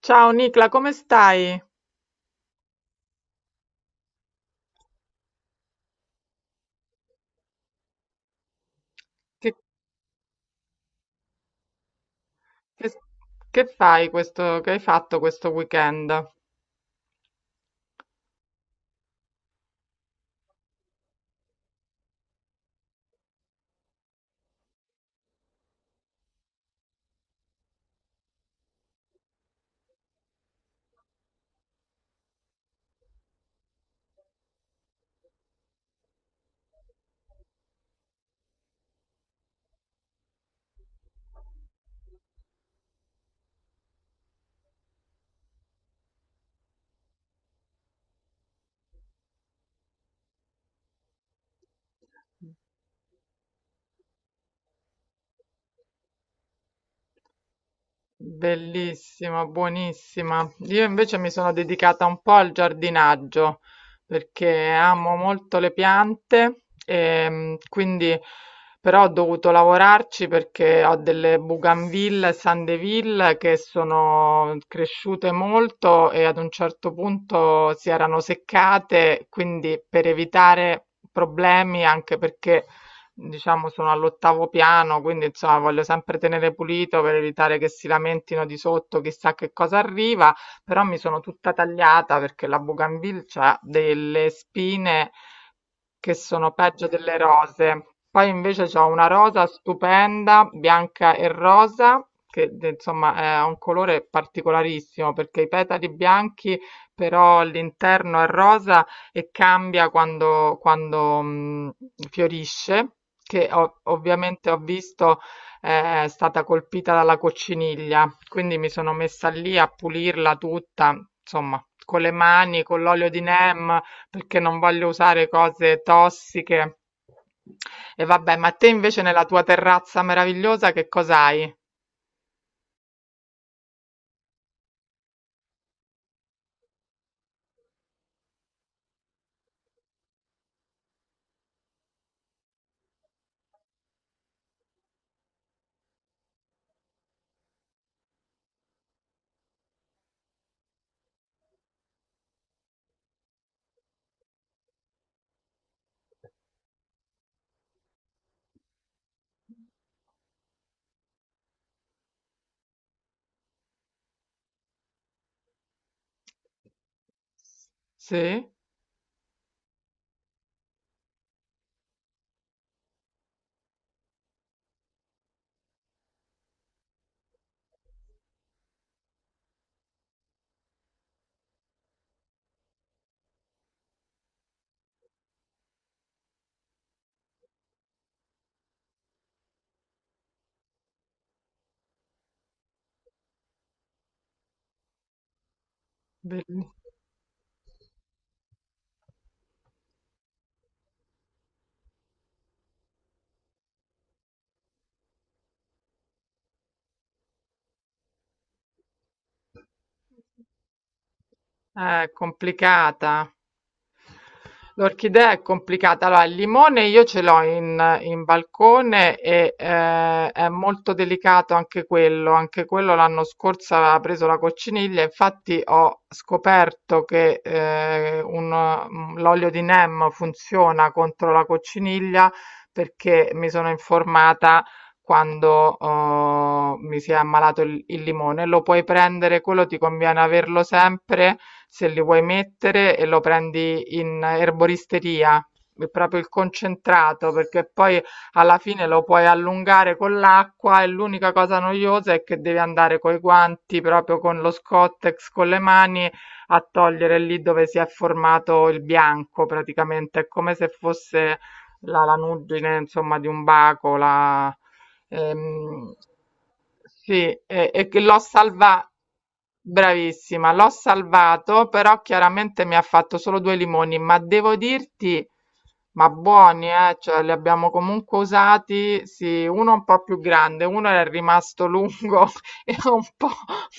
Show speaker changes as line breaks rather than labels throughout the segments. Ciao Nicla, come stai? Che, che- che fai che hai fatto questo weekend? Bellissima, buonissima. Io invece mi sono dedicata un po' al giardinaggio perché amo molto le piante quindi però ho dovuto lavorarci perché ho delle bougainville e sandeville che sono cresciute molto e ad un certo punto si erano seccate, quindi per evitare problemi anche perché diciamo sono all'8° piano, quindi insomma voglio sempre tenere pulito per evitare che si lamentino di sotto chissà che cosa arriva, però mi sono tutta tagliata perché la Bougainville ha delle spine che sono peggio delle rose. Poi invece c'ho una rosa stupenda, bianca e rosa, che de- insomma è un colore particolarissimo perché i petali bianchi, però l'interno è rosa e cambia quando fiorisce, che ho- ovviamente ho visto è stata colpita dalla cocciniglia, quindi mi sono messa lì a pulirla tutta, insomma, con le mani, con l'olio di neem, perché non voglio usare cose tossiche. E vabbè, ma te invece nella tua terrazza meravigliosa che cosa hai? Sì? Bell- complicata. L'orchidea è complicata. Allora, il limone io ce l'ho in balcone e è molto delicato anche quello. Anche quello l'anno scorso aveva preso la cocciniglia. Infatti ho scoperto che un- l'olio di neem funziona contro la cocciniglia perché mi sono informata quando mi si è ammalato il limone. Lo puoi prendere, quello ti conviene averlo sempre se li vuoi mettere e lo prendi in erboristeria, è proprio il concentrato, perché poi alla fine lo puoi allungare con l'acqua e l'unica cosa noiosa è che devi andare coi guanti, proprio con lo Scottex, con le mani, a togliere lì dove si è formato il bianco, praticamente, è come se fosse la lanugine, insomma, di un baco, la... Ehm, sì, e che l'ho salvato, bravissima, l'ho salvato, però chiaramente mi ha fatto solo due limoni, ma devo dirti, ma buoni, cioè li abbiamo comunque usati, sì, uno un po' più grande, uno era rimasto lungo e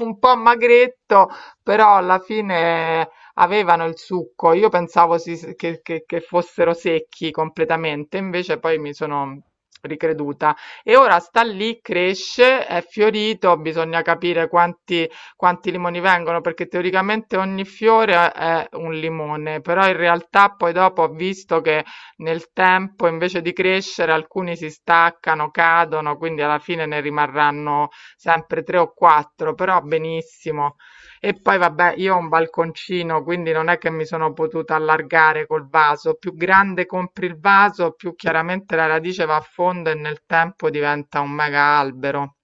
un po' magretto, però alla fine avevano il succo, io pensavo si- che fossero secchi completamente, invece poi mi sono ricreduta. E ora sta lì, cresce, è fiorito, bisogna capire quanti, quanti limoni vengono, perché teoricamente ogni fiore è un limone, però in realtà poi dopo ho visto che nel tempo invece di crescere alcuni si staccano, cadono, quindi alla fine ne rimarranno sempre tre o quattro, però benissimo. E poi vabbè, io ho un balconcino, quindi non è che mi sono potuta allargare col vaso. Più grande compri il vaso, più chiaramente la radice va a fondo e nel tempo diventa un mega albero.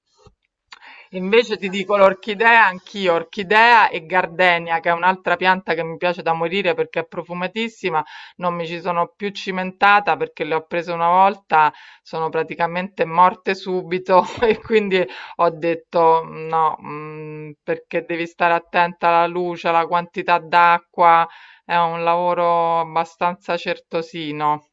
Invece ti dico l'orchidea, anch'io, orchidea e gardenia, che è un'altra pianta che mi piace da morire perché è profumatissima, non mi ci sono più cimentata perché le ho prese una volta, sono praticamente morte subito e quindi ho detto no, perché devi stare attenta alla luce, alla quantità d'acqua, è un lavoro abbastanza certosino.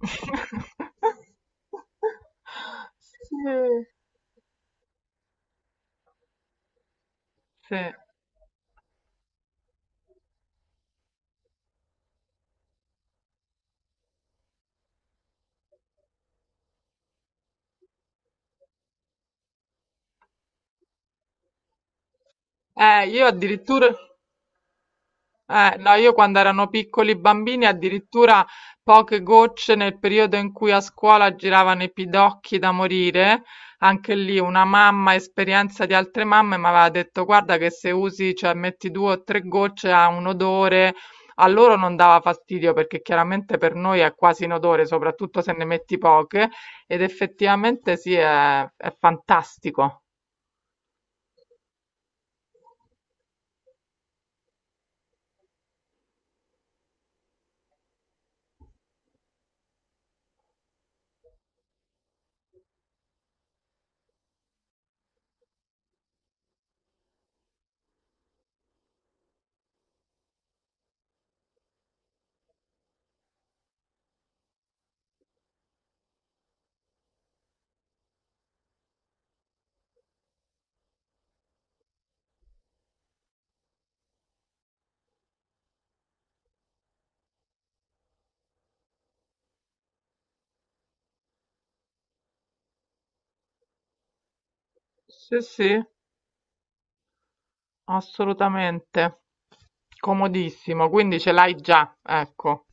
Sì, sì. Io addirittura, no, io quando erano piccoli bambini, addirittura poche gocce nel periodo in cui a scuola giravano i pidocchi da morire, anche lì una mamma, esperienza di altre mamme, mi aveva detto: guarda, che se usi, cioè metti due o tre gocce ha un odore. A loro non dava fastidio perché chiaramente per noi è quasi un odore, soprattutto se ne metti poche, ed effettivamente sì, è fantastico. Sì, sì. Assolutamente, comodissimo, quindi ce l'hai già, ecco.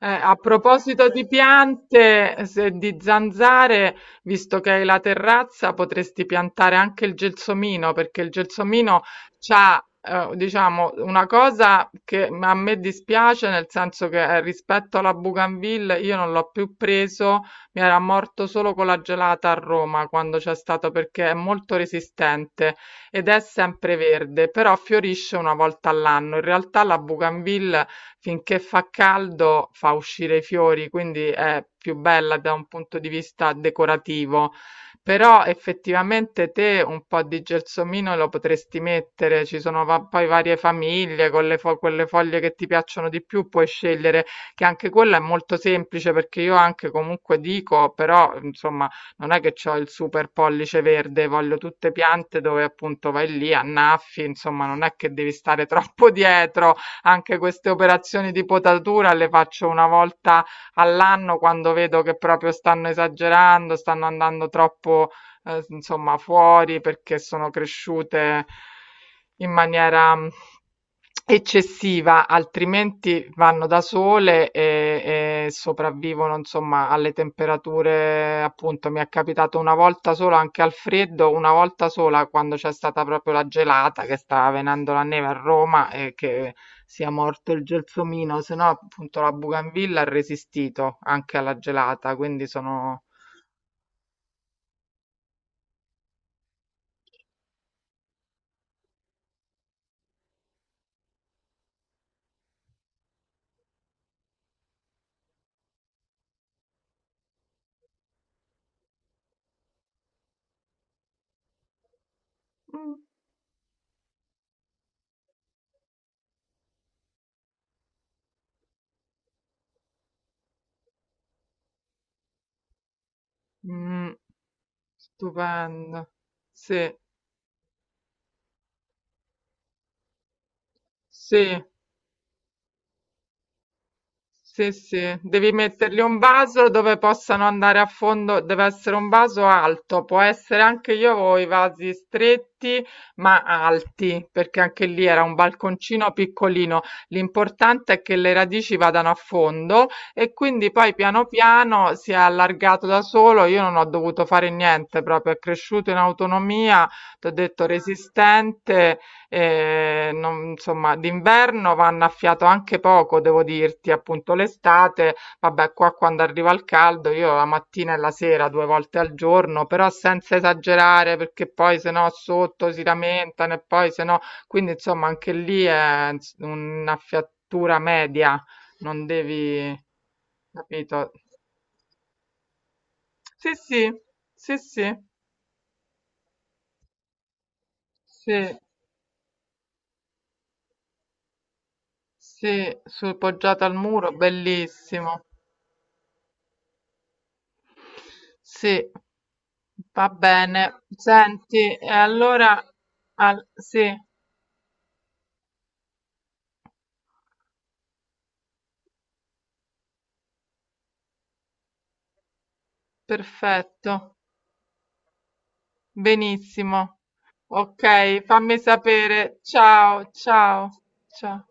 A proposito di piante, se- di zanzare, visto che hai la terrazza, potresti piantare anche il gelsomino, perché il gelsomino c'ha, diciamo, una cosa che a me dispiace, nel senso che rispetto alla Bougainville io non l'ho più preso, mi era morto solo con la gelata a Roma quando c'è stato, perché è molto resistente ed è sempre verde, però fiorisce una volta all'anno. In realtà la Bougainville finché fa caldo fa uscire i fiori, quindi è più bella da un punto di vista decorativo. Però effettivamente te un po' di gelsomino lo potresti mettere, ci sono va- poi varie famiglie con le fo- quelle foglie che ti piacciono di più, puoi scegliere che anche quella è molto semplice perché io anche comunque dico, però insomma non è che ho il super pollice verde, voglio tutte piante dove appunto vai lì, annaffi, insomma non è che devi stare troppo dietro anche queste operazioni di potatura le faccio una volta all'anno quando vedo che proprio stanno esagerando, stanno andando troppo, insomma, fuori perché sono cresciute in maniera eccessiva, altrimenti vanno da sole e sopravvivono, insomma, alle temperature, appunto, mi è capitato una volta sola anche al freddo, una volta sola quando c'è stata proprio la gelata che stava venendo la neve a Roma e che sia morto il gelsomino, se no appunto la Bougainville ha resistito anche alla gelata, quindi sono. Mm, mm, stupendo. Sì, sì. Sì, sì, devi mettergli un vaso dove possano andare a fondo, deve essere un vaso alto, può essere anche io avevo i vasi stretti ma alti, perché anche lì era un balconcino piccolino. L'importante è che le radici vadano a fondo e quindi poi piano piano si è allargato da solo, io non ho dovuto fare niente, proprio è cresciuto in autonomia, ti ho detto resistente e non insomma, d'inverno vanno a fiato anche poco, devo dirti, appunto l'estate, vabbè, qua quando arriva il caldo, io la mattina e la sera due volte al giorno, però senza esagerare, perché poi se no sotto si lamentano e poi se no, quindi insomma, anche lì è ins- una fiatura media, non devi, capito? Sì, sì, sì, sì, sì, sì, sul poggiato al muro, bellissimo. Sì, va bene. Senti, e allora al- sì, perfetto, benissimo. Ok, fammi sapere. Ciao, ciao, ciao.